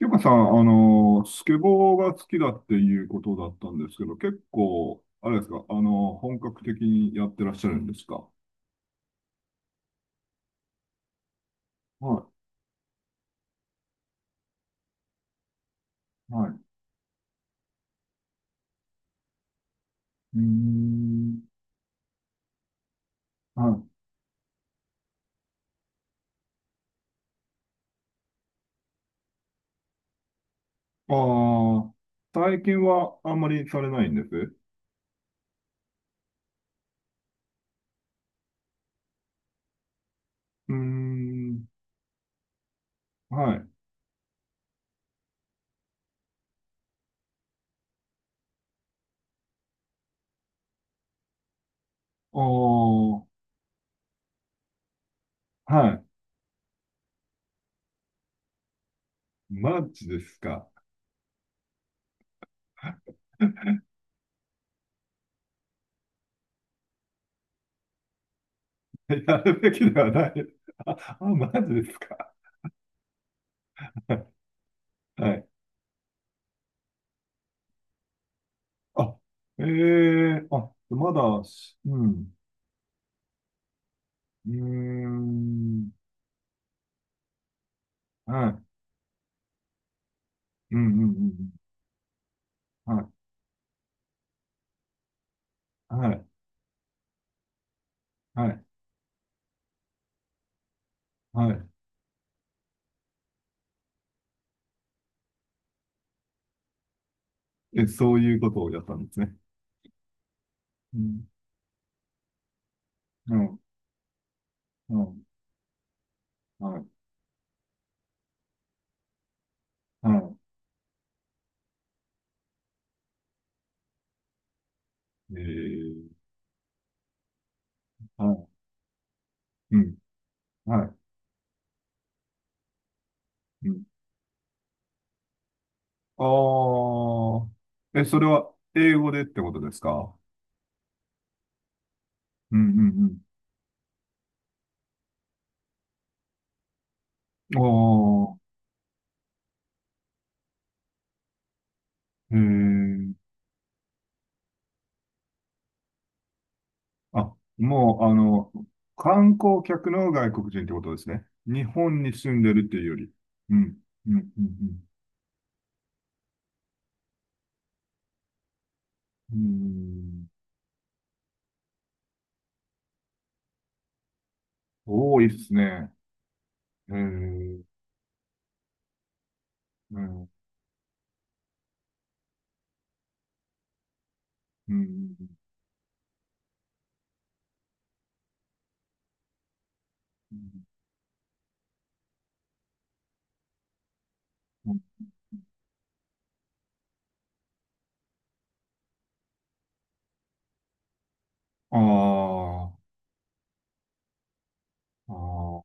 ゆかさん、スケボーが好きだっていうことだったんですけど、結構、あれですか、本格的にやってらっしゃるんですか？はい、はい。うーん、はい。ああ、最近はあんまりされないんです。うーん、はい。ああ、はい。マジですか？やるべきではない。あ、あ、マジですか？はい。あ、ええ、あ、まだ、うん。うーん。はい。うんうんうんうん。はい。はい。はい。はい。え、そういうことをやったんですね。うん。うん。うん。はい。はい。はい。うん。はい。うん。ああ。え、それは英語でってことですか？うんうんうん。ああ。えー。あ、もう、観光客の外国人ってことですね。日本に住んでるっていうより。うん。うん。うん。うん。うん、多いっすね。えー、うん、うん、うん。うんあーあー、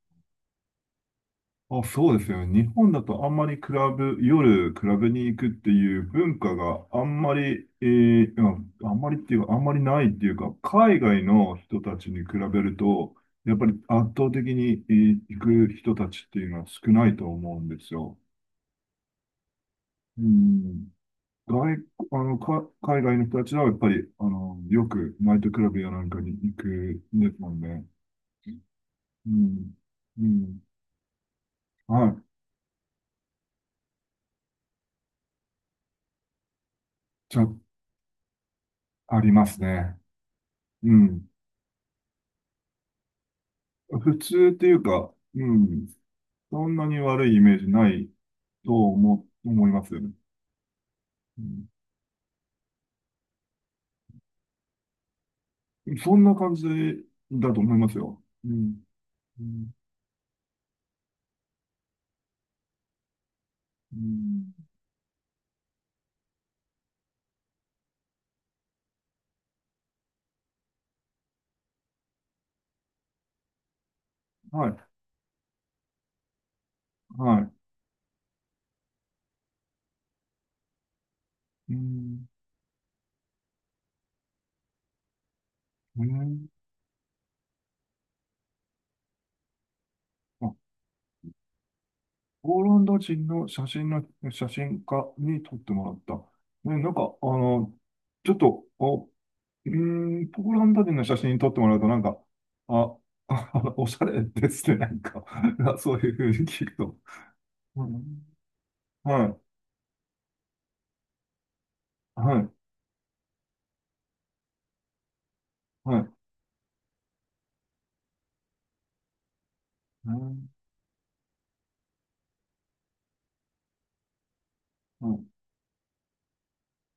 あ、そうですよね。日本だとあんまりクラブ、夜クラブに行くっていう文化があんまり、うんあんまりっていうか、あんまりないっていうか、海外の人たちに比べると、やっぱり圧倒的に、行く人たちっていうのは少ないと思うんですよ。うん。外、あの、か、海外の人たちはやっぱり、よくナイトクラブやなんかに行くんですもんね。うん。うん。はい。ちょ、ありますね。うん。普通っていうか、うん。そんなに悪いイメージないと思いますよね。うん。そんな感じだと思いますよ。うん。うん。うんはい。はい。うん。ね、あ、ポーランド人の写真の、写真家に撮ってもらった。ね、なんか、ちょっと、ポーランド人の写真撮ってもらうと、なんか、あ、あ、おしゃれですね、なんか、そういうふうに聞くと。うん、はい、はい、はい、うん、うん、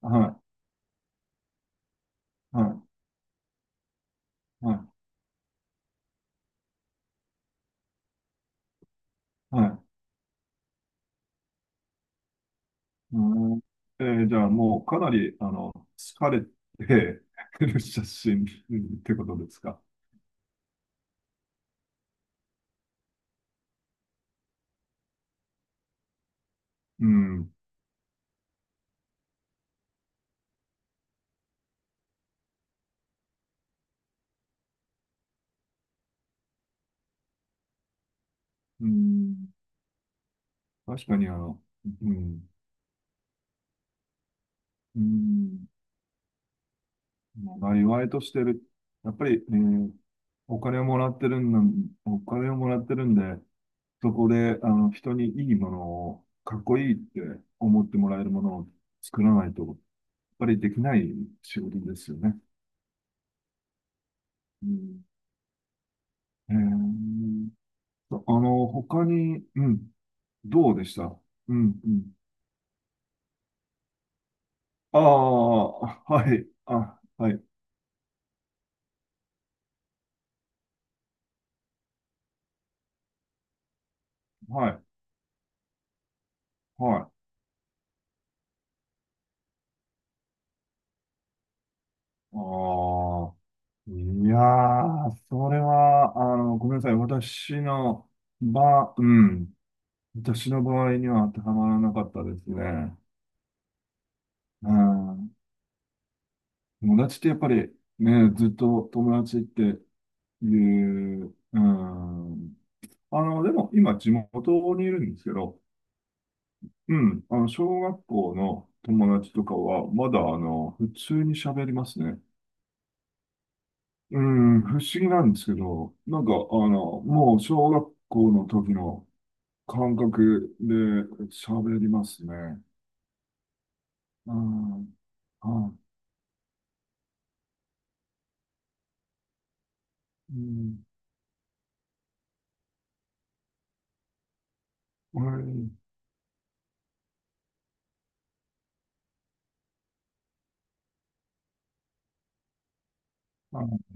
はい、はい、はい、はい。うん、じゃあ、もうかなり、疲れてる写真ってことですか？うん、うん、確かに、うん、うんうんあ、意外としてる。やっぱり、お金をもらってるんだ、お金をもらってるんで、そこで、人にいいものを、かっこいいって思ってもらえるものを作らないと、やっぱりできない仕事ですよね。うん、えー他に、うん、どうでした？うん、うん。ああ、はい、あ、はい、はい、はい。ああ、いやー、それは、ごめんなさい。私の場、うん。私の場合には当てはまらなかったですね。うん。友達ってやっぱり、ね、ずっと友達っていう、うん。でも今地元にいるんですけど、うん。小学校の友達とかは、まだ、普通に喋りますね。うん、不思議なんですけど、なんか、もう小学校の時の、感覚で喋りますね。うん。はい。うん。うんあ、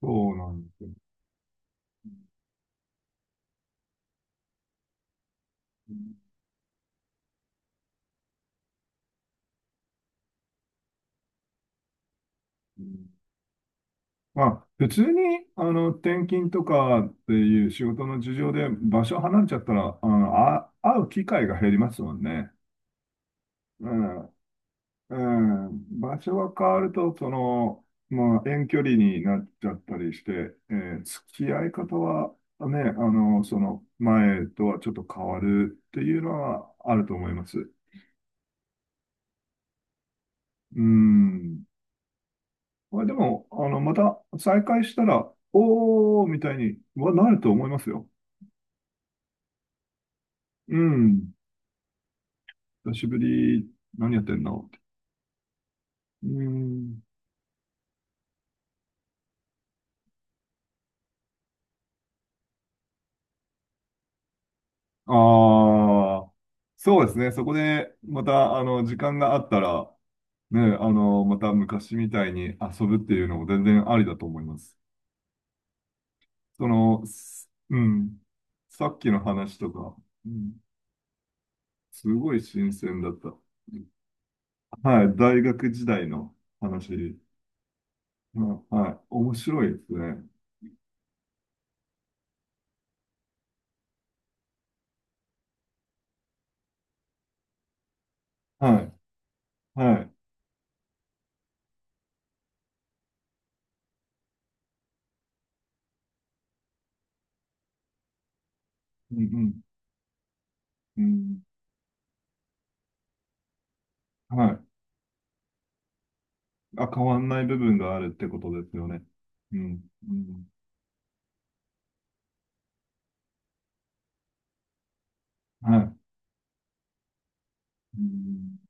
そうなんですよ。うんまあ、普通に、転勤とかっていう仕事の事情で場所離れちゃったら、あ、会う機会が減りますもんね。うん。うん、場所が変わると、その、まあ、遠距離になっちゃったりして、付き合い方はね、その前とはちょっと変わるっていうのはあると思います。うん。まあ、でも、また再会したら、おーみたいにはなると思いますよ。うん。久しぶり、何やってんのって。うん。ああ、そうですね。そこで、また、時間があったら、ね、また昔みたいに遊ぶっていうのも全然ありだと思います。その、うん、さっきの話とか、うん、すごい新鮮だった。はい、大学時代の話。うんはい、面白いですね。はい、はい、うん、うん、うん、はい。あ、変わんない部分があるってことですよね。うん、うん、はい。うん